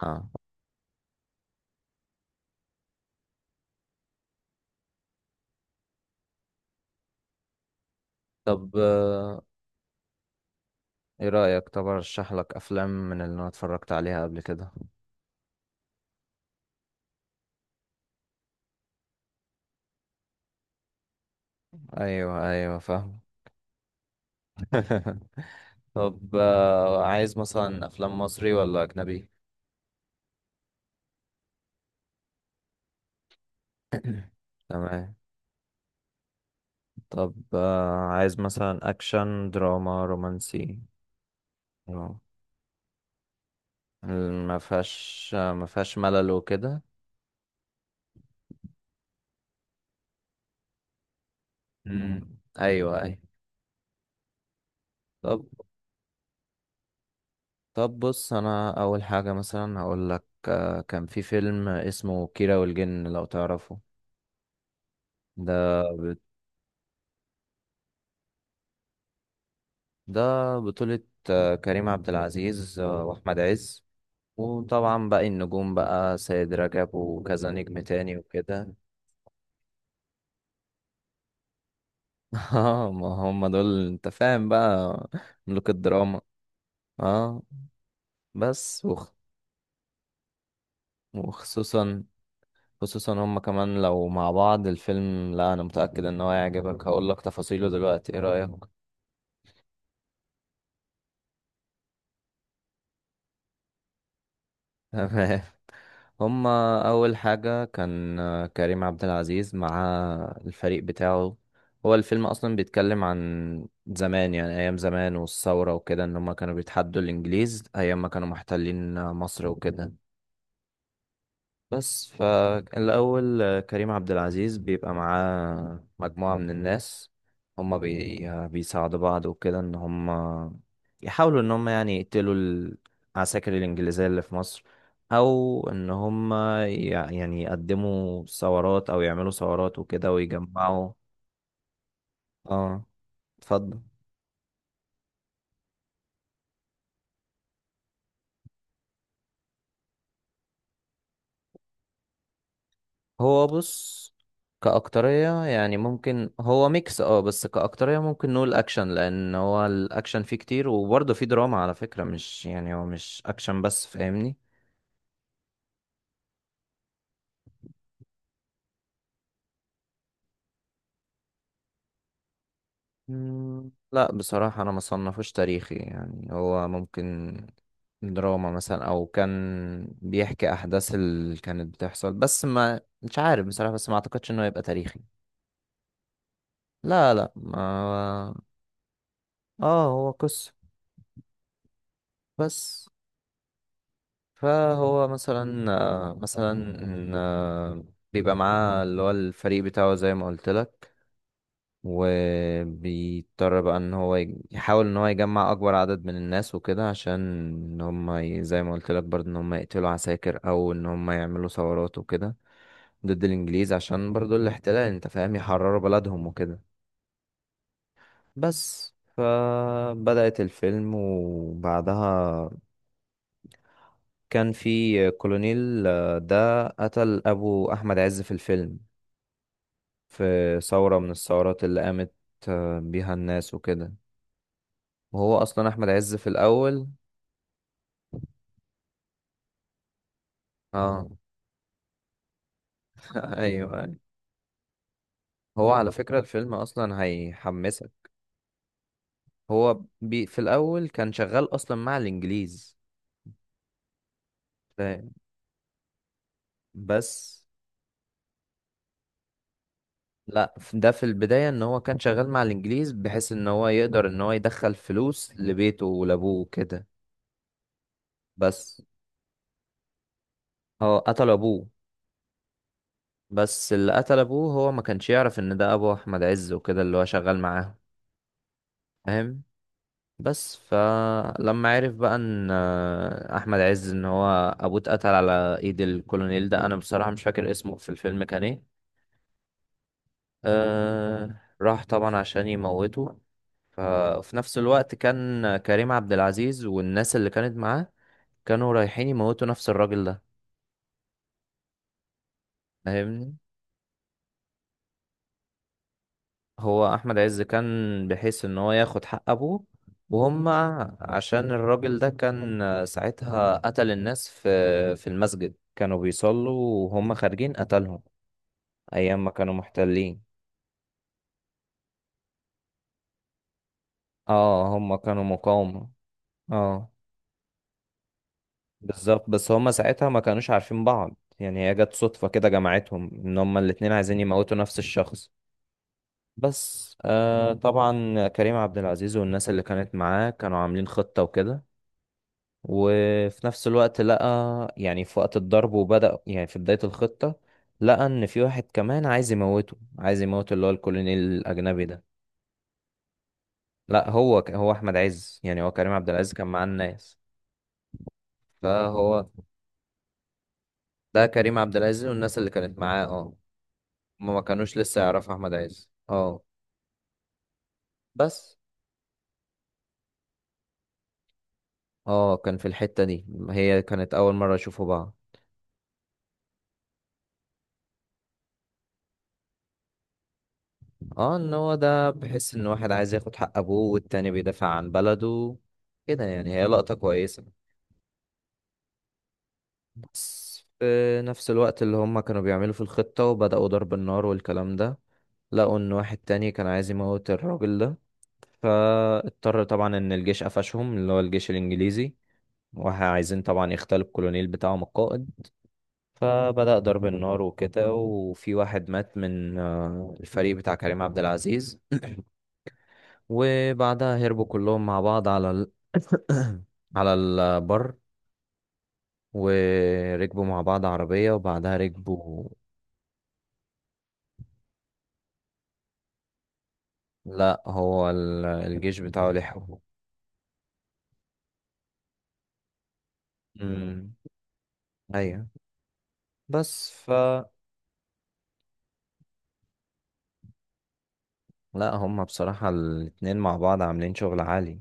اه. طب، ايه رأيك؟ طب ارشح لك افلام من اللي انا اتفرجت عليها قبل كده. ايوه، ايوه، فاهم. طب، عايز مثلا افلام مصري ولا اجنبي؟ تمام. طب، عايز مثلا اكشن دراما رومانسي؟ آه، ما فيهاش ملل وكده. مم. ايوه، ايوه. طب طب، بص، انا اول حاجة مثلا هقول لك كان في فيلم اسمه كيرة والجن لو تعرفه. ده ده بطولة كريم عبد العزيز وأحمد عز. وطبعا باقي النجوم بقى سيد رجب وكذا نجم تاني وكده. اه، ما هم دول، انت فاهم، بقى ملوك الدراما. اه، بس وخصوصا خصوصا هم كمان لو مع بعض الفيلم، لا انا متأكد ان هو هيعجبك. هقول لك تفاصيله دلوقتي، ايه رأيك؟ تمام. هما أول حاجة كان كريم عبد العزيز مع الفريق بتاعه. هو الفيلم أصلا بيتكلم عن زمان، يعني أيام زمان والثورة وكده، إن هما كانوا بيتحدوا الإنجليز أيام ما كانوا محتلين مصر وكده. بس فالأول، كريم عبد العزيز بيبقى معاه مجموعة من الناس. هما بي... آه، بيساعدوا بعض وكده إن هما يحاولوا إن هما يعني يقتلوا العساكر الإنجليزية اللي في مصر. أو إن هما يعني يقدموا ثورات أو يعملوا ثورات وكده ويجمعوا. اه، اتفضل. هو بص، كأكترية يعني ممكن هو ميكس. اه، بس كأكترية ممكن نقول أكشن لأن هو الأكشن فيه كتير، وبرضه فيه دراما على فكرة، مش يعني هو مش أكشن بس، فاهمني؟ مم، لا، بصراحة أنا ما صنفوش تاريخي، يعني هو ممكن دراما مثلا، أو كان بيحكي أحداث اللي كانت بتحصل، بس ما مش عارف بصراحة، بس ما أعتقدش إنه يبقى تاريخي. لا، لا، ما اه، هو قصة. بس فهو مثلا مثلا آه، بيبقى معاه اللي هو الفريق بتاعه زي ما قلت لك. وبيضطر بقى ان هو يحاول ان هو يجمع اكبر عدد من الناس وكده، عشان ان هم زي ما قلت لك برضه ان هم يقتلوا عساكر او ان هم يعملوا ثورات وكده ضد الانجليز، عشان برضه الاحتلال، انت فاهم، يحرروا بلدهم وكده. بس فبدأت الفيلم وبعدها كان في كولونيل، ده قتل أبو أحمد عز في الفيلم في ثورة من الثورات اللي قامت بيها الناس وكده. وهو أصلا أحمد عز في الأول. اه. أيوه، أيوة. هو على فكرة الفيلم أصلا هيحمسك. هو في الأول كان شغال أصلا مع الإنجليز، فاهم؟ بس، لا، ده في البداية إن هو كان شغال مع الإنجليز بحيث إن هو يقدر إن هو يدخل فلوس لبيته ولأبوه كده. بس هو قتل أبوه. بس اللي قتل ابوه هو ما كانش يعرف ان ده ابو احمد عز وكده، اللي هو شغال معاه، فاهم؟ بس فلما عرف بقى ان احمد عز ان هو ابوه اتقتل على ايد الكولونيل ده، انا بصراحة مش فاكر اسمه في الفيلم كان ايه. أه، راح طبعا عشان يموته. ففي نفس الوقت كان كريم عبد العزيز والناس اللي كانت معاه كانوا رايحين يموتوا نفس الراجل ده، فاهمني. هو احمد عز كان بحيث ان هو ياخد حق ابوه، وهم عشان الراجل ده كان ساعتها قتل الناس في المسجد، كانوا بيصلوا وهم خارجين قتلهم ايام ما كانوا محتلين. اه، هم كانوا مقاومة. اه. بالظبط. بس هم ساعتها ما كانوش عارفين بعض، يعني هي جت صدفة كده جمعتهم ان هم الاتنين عايزين يموتوا نفس الشخص. بس، طبعا كريم عبد العزيز والناس اللي كانت معاه كانوا عاملين خطة وكده. وفي نفس الوقت لقى، يعني في وقت الضرب وبدأ، يعني في بداية الخطة لقى ان في واحد كمان عايز يموته، عايز يموت اللي هو الكولونيل الاجنبي ده. لا، هو هو احمد عز، يعني هو كريم عبد العزيز كان معاه الناس. فهو ده كريم عبد العزيز والناس اللي كانت معاه، اه. هما ما كانوش لسه يعرفوا احمد عز، اه. بس، اه، كان في الحتة دي، هي كانت اول مرة يشوفوا بعض. اه. ان هو ده بحس ان واحد عايز ياخد حق ابوه والتاني بيدافع عن بلده، كده يعني هي لقطة كويسة. بس في نفس الوقت اللي هم كانوا بيعملوا في الخطة وبدأوا ضرب النار والكلام ده، لقوا إن واحد تاني كان عايز يموت الراجل ده. فاضطر طبعا إن الجيش قفشهم، اللي هو الجيش الإنجليزي، وعايزين طبعا يختلوا الكولونيل بتاعهم القائد. فبدأ ضرب النار وكده، وفي واحد مات من الفريق بتاع كريم عبد العزيز. وبعدها هربوا كلهم مع بعض على البر، وركبوا مع بعض عربية وبعدها ركبوا. لا، هو الجيش بتاعه لحقه. امم، ايوه، بس لا، هما بصراحة الاتنين مع بعض عاملين شغل عالي.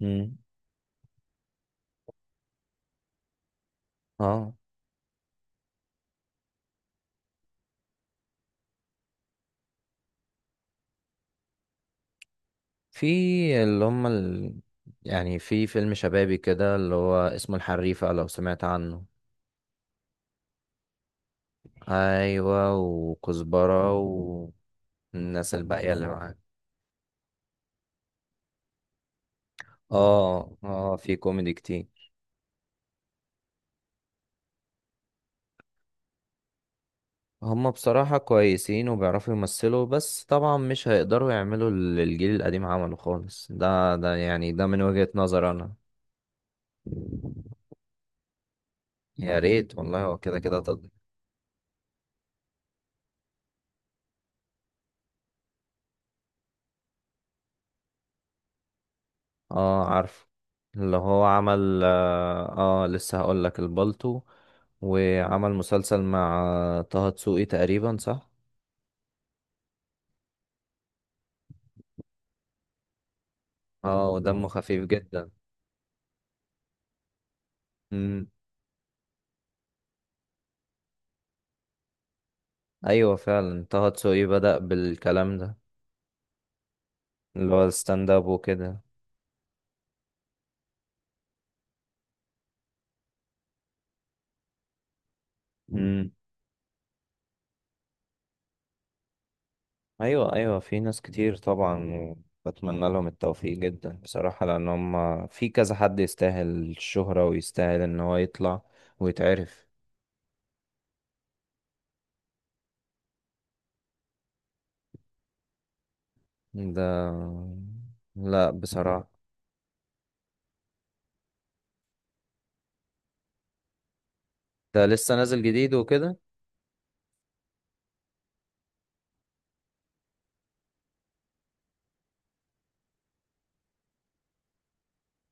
امم، اه، في اللي هما يعني في فيلم شبابي كده اللي هو اسمه الحريفة لو سمعت عنه. ايوه، وكزبرة والناس الباقية اللي معاك. اه، اه، في كوميدي كتير. هم بصراحة كويسين وبيعرفوا يمثلوا، بس طبعا مش هيقدروا يعملوا اللي الجيل القديم عمله خالص، ده يعني ده من وجهة نظر أنا. يا ريت والله، هو كده كده اه، عارف، اللي هو عمل لسه هقولك البالتو. وعمل مسلسل مع طه دسوقي تقريبا، صح؟ اه، ودمه خفيف جدا. مم. أيوة، فعلا طه دسوقي بدأ بالكلام ده، اللي هو الستاند اب وكده. مم. ايوه، ايوه، في ناس كتير طبعا. بتمنى لهم التوفيق جدا بصراحة، لان هم في كذا حد يستاهل الشهرة ويستاهل ان هو يطلع ويتعرف. ده لا، بصراحة ده لسه نازل جديد وكده.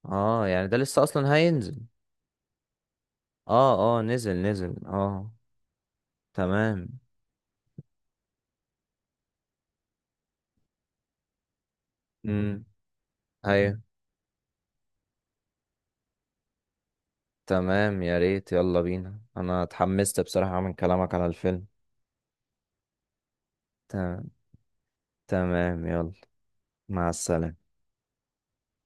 اه، يعني ده لسه اصلا هينزل؟ اه، اه، نزل، نزل، اه. تمام. امم، ايوه، تمام، يا ريت، يلا بينا، انا اتحمست بصراحة من كلامك على الفيلم. ت- تمام، يلا، مع السلامة.